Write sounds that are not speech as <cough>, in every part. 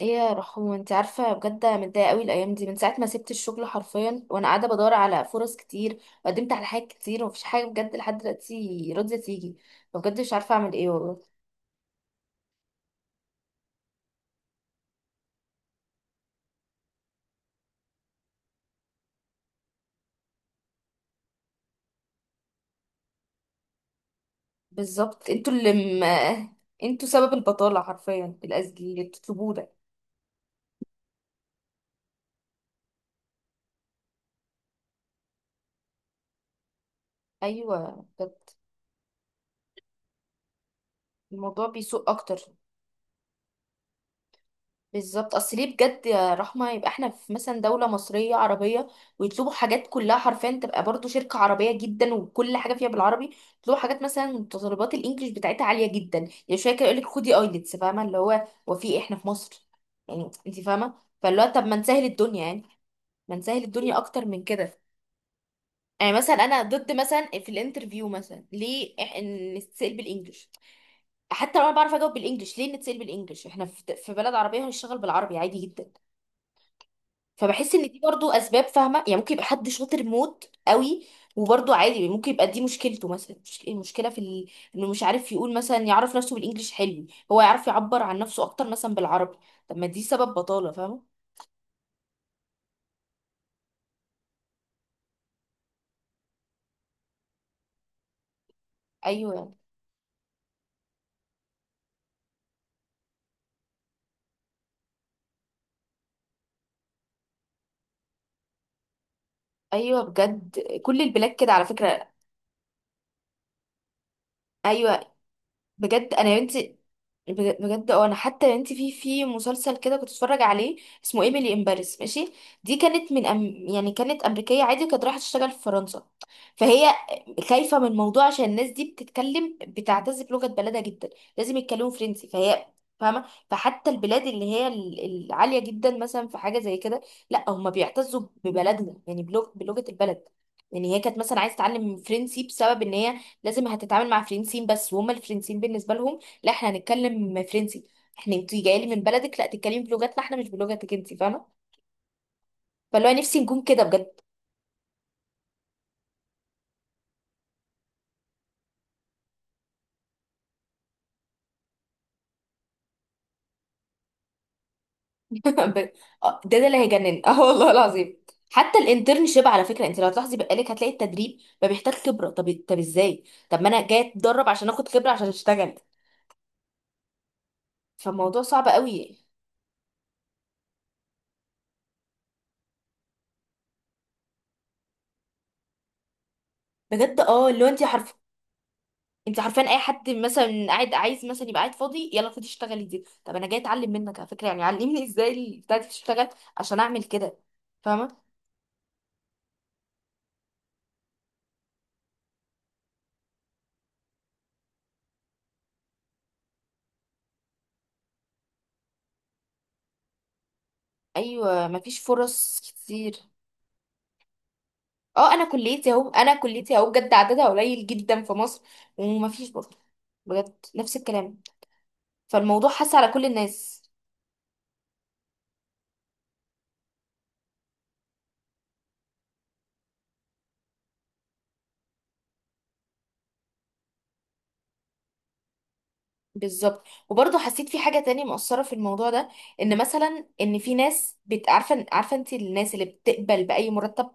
ايه يا رحوم، انت عارفه؟ بجد أنا متضايقه قوي الايام دي. من ساعه ما سبت الشغل حرفيا وانا قاعده بدور على فرص كتير، وقدمت على حاجات كتير ومفيش حاجه بجد لحد دلوقتي راضيه تيجي. فبجد مش عارفه اعمل ايه والله. بالظبط انتوا اللي م... انتوا سبب البطاله حرفيا، الاسجيل اللي بتطلبوه ده. ايوه بجد. الموضوع بيسوء اكتر. بالظبط. اصل ليه بجد يا رحمه؟ يبقى احنا في مثلا دوله مصريه عربيه، ويطلبوا حاجات كلها حرفيا، تبقى برضو شركه عربيه جدا وكل حاجه فيها بالعربي، يطلبوا حاجات مثلا متطلبات الانجليش بتاعتها عاليه جدا. يعني شويه كده يقول لك خدي ايلتس، فاهمه؟ اللي هو في ايه، احنا في مصر، يعني انت فاهمه. فاللي هو طب ما نسهل الدنيا يعني، ما نسهل الدنيا اكتر من كده. يعني مثلا انا ضد مثلا في الانترفيو مثلا ليه إن نتسال بالانجليش. حتى لو انا بعرف اجاوب بالانجليش، ليه نتسال بالانجليش؟ احنا في بلد عربيه، هنشتغل بالعربي عادي جدا. فبحس ان دي برضو اسباب، فاهمه؟ يعني ممكن يبقى حد شاطر موت قوي، وبرضو عادي ممكن يبقى دي مشكلته مثلا، المشكله انه مش عارف يقول مثلا يعرف نفسه بالانجليش، حلو، هو يعرف يعبر عن نفسه اكتر مثلا بالعربي. طب ما دي سبب بطاله، فاهمه؟ ايوه يعني، ايوه بجد كل البلاد كده على فكره. ايوه. بجد انا يا بنتي، بجد اه، انا حتى انت في مسلسل كده كنت اتفرج عليه، اسمه ايميلي ان باريس، ماشي؟ دي كانت من، يعني كانت امريكيه عادي، كانت رايحه تشتغل في فرنسا، فهي خايفه من الموضوع عشان الناس دي بتتكلم، بتعتز بلغه بلدها جدا، لازم يتكلموا فرنسي، فهي فاهمه. فحتى البلاد اللي هي العاليه جدا مثلا في حاجه زي كده، لا هم بيعتزوا ببلدنا يعني بلغه البلد. يعني هي كانت مثلا عايزه تتعلم فرنسي بسبب ان هي لازم هتتعامل مع فرنسيين بس، وهم الفرنسيين بالنسبه لهم لا، احنا هنتكلم فرنسي. احنا انتي جايه لي من بلدك لا، تتكلمي بلغتنا احنا مش بلغتك انتي، فاهمه؟ فاللي هو نفسي نكون كده بجد. <laughs> ب- آه، ده اللي هيجنن. <laughs> اه والله العظيم. حتى الانترنشيب على فكره، انت لو تلاحظي بقالك، هتلاقي التدريب ما بيحتاج خبره. طب ازاي؟ طب ما انا جايه اتدرب عشان اخد خبره عشان اشتغل. فالموضوع صعب قوي. بجد اه. اللي هو انت انت عارفان اي حد مثلا قاعد عايز مثلا يبقى قاعد فاضي، يلا خدي اشتغلي دي. طب انا جايه اتعلم منك على فكره، يعني علمني ازاي بتاعتي تشتغل عشان اعمل كده، فاهمه؟ ايوه. مفيش فرص كتير. اه، انا كليتي اهو، انا كليتي اهو بجد عددها قليل جدا في مصر، ومفيش برضه، بجد نفس الكلام. فالموضوع حس على كل الناس. بالظبط. وبرضه حسيت في حاجه تانية مؤثره في الموضوع ده، ان مثلا ان في ناس عارفه انت الناس اللي بتقبل باي مرتب؟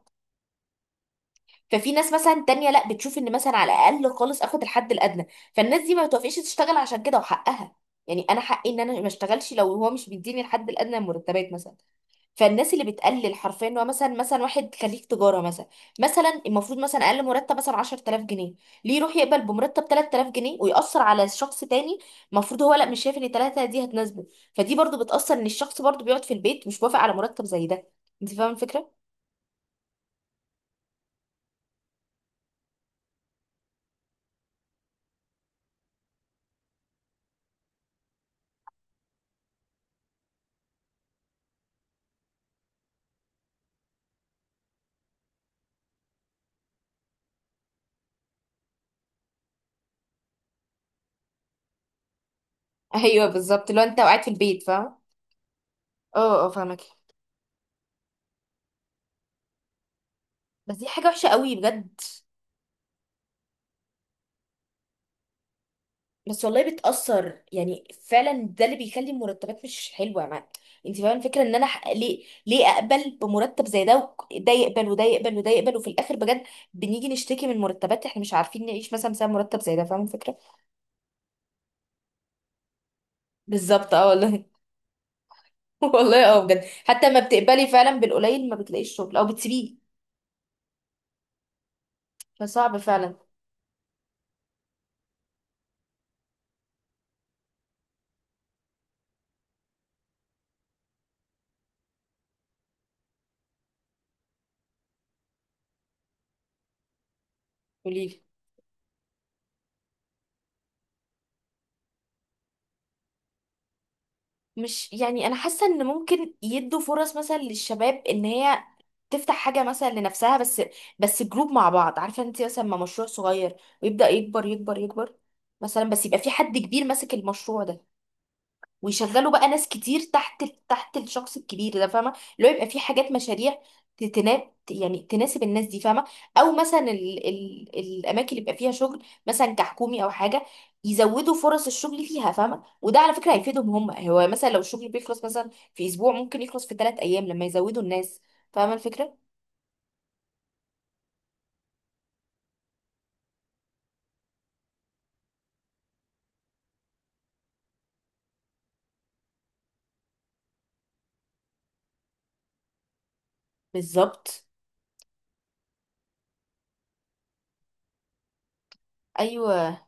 ففي ناس مثلا تانية لا، بتشوف ان مثلا على الاقل خالص اخد الحد الادنى، فالناس دي ما بتوافقش تشتغل عشان كده، وحقها. يعني انا حقي ان انا ما اشتغلش لو هو مش بيديني الحد الادنى من المرتبات مثلا. فالناس اللي بتقلل حرفيا، إن هو مثلا واحد خريج تجاره مثلا، مثلا المفروض مثلا اقل مرتب مثلا 10000 جنيه، ليه يروح يقبل بمرتب 3000 جنيه ويأثر على شخص تاني؟ المفروض هو لا، مش شايف ان 3 دي هتناسبه. فدي برضو بتأثر، ان الشخص برضو بيقعد في البيت مش موافق على مرتب زي ده، انت فاهمه الفكره؟ ايوه بالظبط، لو انت قاعد في البيت، فاهم. اه اه، فاهمك. بس دي حاجه وحشه قوي بجد. بس والله بتأثر، يعني فعلا ده اللي بيخلي المرتبات مش حلوة. ما انت فاهمة الفكرة، ان انا ليه ليه اقبل بمرتب زي ده، ده يقبل وده يقبل وده يقبل، وفي الاخر بجد بنيجي نشتكي من مرتبات احنا مش عارفين نعيش مثلا بسبب مرتب زي ده، فاهمة الفكرة؟ بالظبط اه والله. <laughs> والله اه بجد، حتى ما بتقبلي فعلا بالقليل، ما بتلاقيش شغل، او بتسيبيه. فصعب فعلا. قوليلي. مش يعني، انا حاسه ان ممكن يدوا فرص مثلا للشباب، ان هي تفتح حاجه مثلا لنفسها بس، بس جروب مع بعض، عارفه انت مثلا ما، مشروع صغير ويبدا يكبر يكبر يكبر، مثلا بس يبقى في حد كبير ماسك المشروع ده، ويشغلوا بقى ناس كتير تحت الشخص الكبير ده، فاهمه؟ اللي هو يبقى في حاجات مشاريع تناب يعني تناسب الناس دي، فاهمه؟ او مثلا ال الاماكن اللي بيبقى فيها شغل مثلا كحكومي او حاجه، يزودوا فرص الشغل فيها، فاهمه؟ وده على فكره هيفيدهم هم، هو مثلا لو الشغل بيخلص مثلا في اسبوع، ممكن يخلص في ثلاث ايام لما يزودوا الناس، فاهمه الفكره؟ بالظبط. ايوه،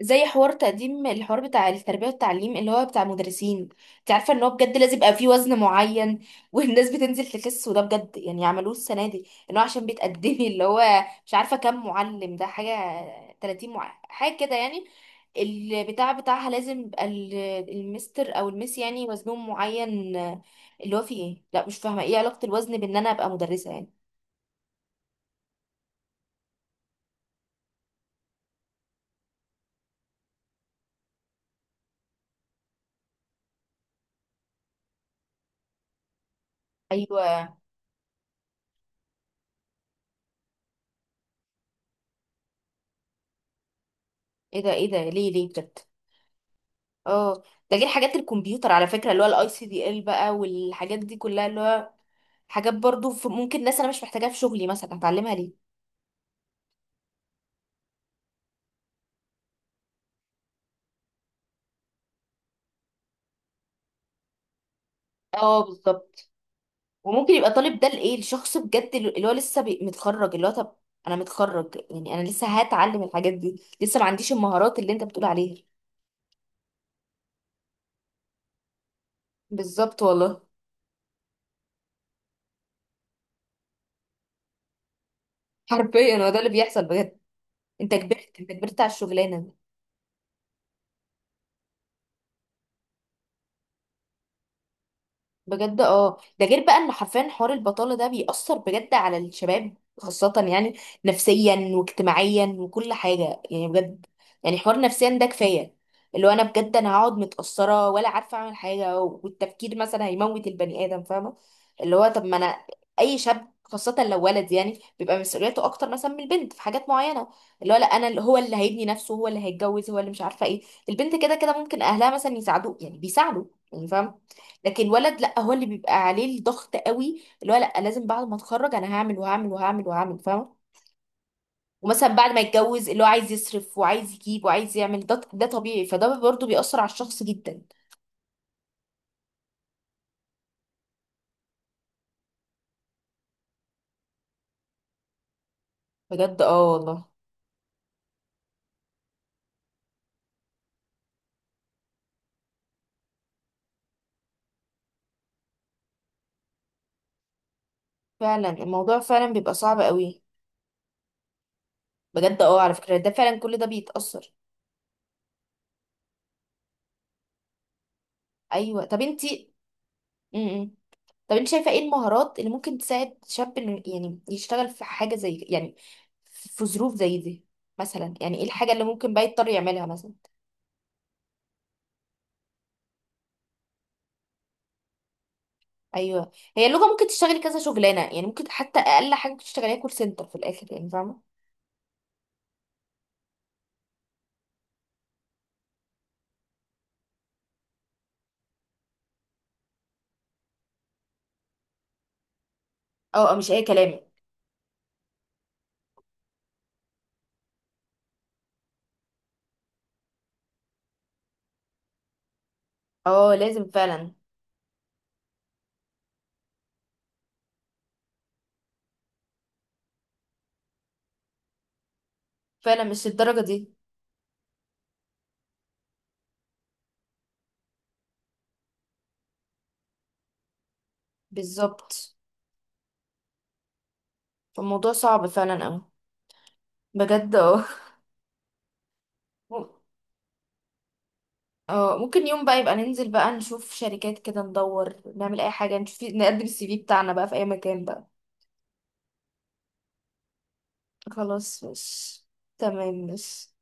زي حوار تقديم، الحوار بتاع التربية والتعليم اللي هو بتاع المدرسين. انت عارفة ان هو بجد لازم يبقى فيه وزن معين، <laughs> والناس بتنزل تخس، وده بجد يعني عملوه السنة دي، ان هو عشان بتقدمي اللي هو مش عارفة كام معلم، ده حاجة 30 حاجة كده يعني. البتاع بتاعها لازم يبقى المستر او المس، يعني وزنهم معين. اللي هو فيه ايه؟ لا مش فاهمة ايه علاقة الوزن بان انا ابقى مدرسة يعني؟ ايوه. ايه ده، ايه ده؟ ليه ليه بجد؟ اه. ده غير حاجات الكمبيوتر على فكره، اللي هو الICDL بقى، والحاجات دي كلها، اللي هو حاجات برضو في ممكن ناس انا مش محتاجاها في شغلي مثلا، هتعلمها ليه؟ اه بالظبط. وممكن يبقى طالب ده لايه الشخص بجد اللي هو لسه متخرج، اللي هو طب انا متخرج، يعني انا لسه هتعلم الحاجات دي، لسه ما عنديش المهارات اللي انت بتقول عليها. بالظبط والله. حرفيا هو ده اللي بيحصل بجد. انت كبرت، انت كبرت على الشغلانه. بجد اه. ده غير بقى ان حرفيا حوار البطالة ده بيأثر بجد على الشباب، خاصة يعني نفسيا واجتماعيا وكل حاجة يعني بجد. يعني حوار نفسيا ده كفاية، اللي هو انا بجد، انا هقعد متأثرة ولا عارفة اعمل حاجة، والتفكير مثلا هيموت البني آدم، فاهمة؟ اللي هو طب ما انا، اي شاب خاصة لو ولد يعني بيبقى مسؤوليته اكتر مثلا من البنت في حاجات معينة. اللي هو لا، انا اللي هو اللي هيبني نفسه، هو اللي هيتجوز، هو اللي مش عارفة ايه. البنت كده كده ممكن اهلها مثلا يساعدوه، يعني بيساعدوا يعني، فاهم؟ لكن الولد لا، هو اللي بيبقى عليه الضغط قوي، اللي هو لا لازم بعد ما اتخرج انا هعمل وهعمل وهعمل وهعمل، فاهمه؟ ومثلا بعد ما يتجوز اللي هو عايز يصرف وعايز يجيب وعايز يعمل، ده طبيعي. فده برضه بيأثر على الشخص جدا. بجد اه والله. فعلا الموضوع فعلا بيبقى صعب قوي. بجد اه، على فكرة ده فعلا كل ده بيتأثر. ايوه. طب انتي م -م. طب انت شايفة ايه المهارات اللي ممكن تساعد شاب إنه يعني يشتغل في حاجة زي يعني في ظروف زي دي؟ مثلا يعني ايه الحاجة اللي ممكن بقى يضطر يعملها مثلا؟ ايوه، هي اللغه. ممكن تشتغلي كذا شغلانه يعني، ممكن حتى اقل حاجه ممكن تشتغليها كول سنتر في الاخر، يعني فاهمه؟ اه آه، مش اي كلام. اه لازم فعلا. فعلا مش الدرجه دي. بالظبط. فالموضوع صعب فعلا اوي. بجد اه. م- اه ممكن يوم بقى يبقى ننزل بقى نشوف شركات كده، ندور، نعمل اي حاجه، نشوف، نقدم الCV بتاعنا بقى في اي مكان بقى. خلاص مش، تمام مش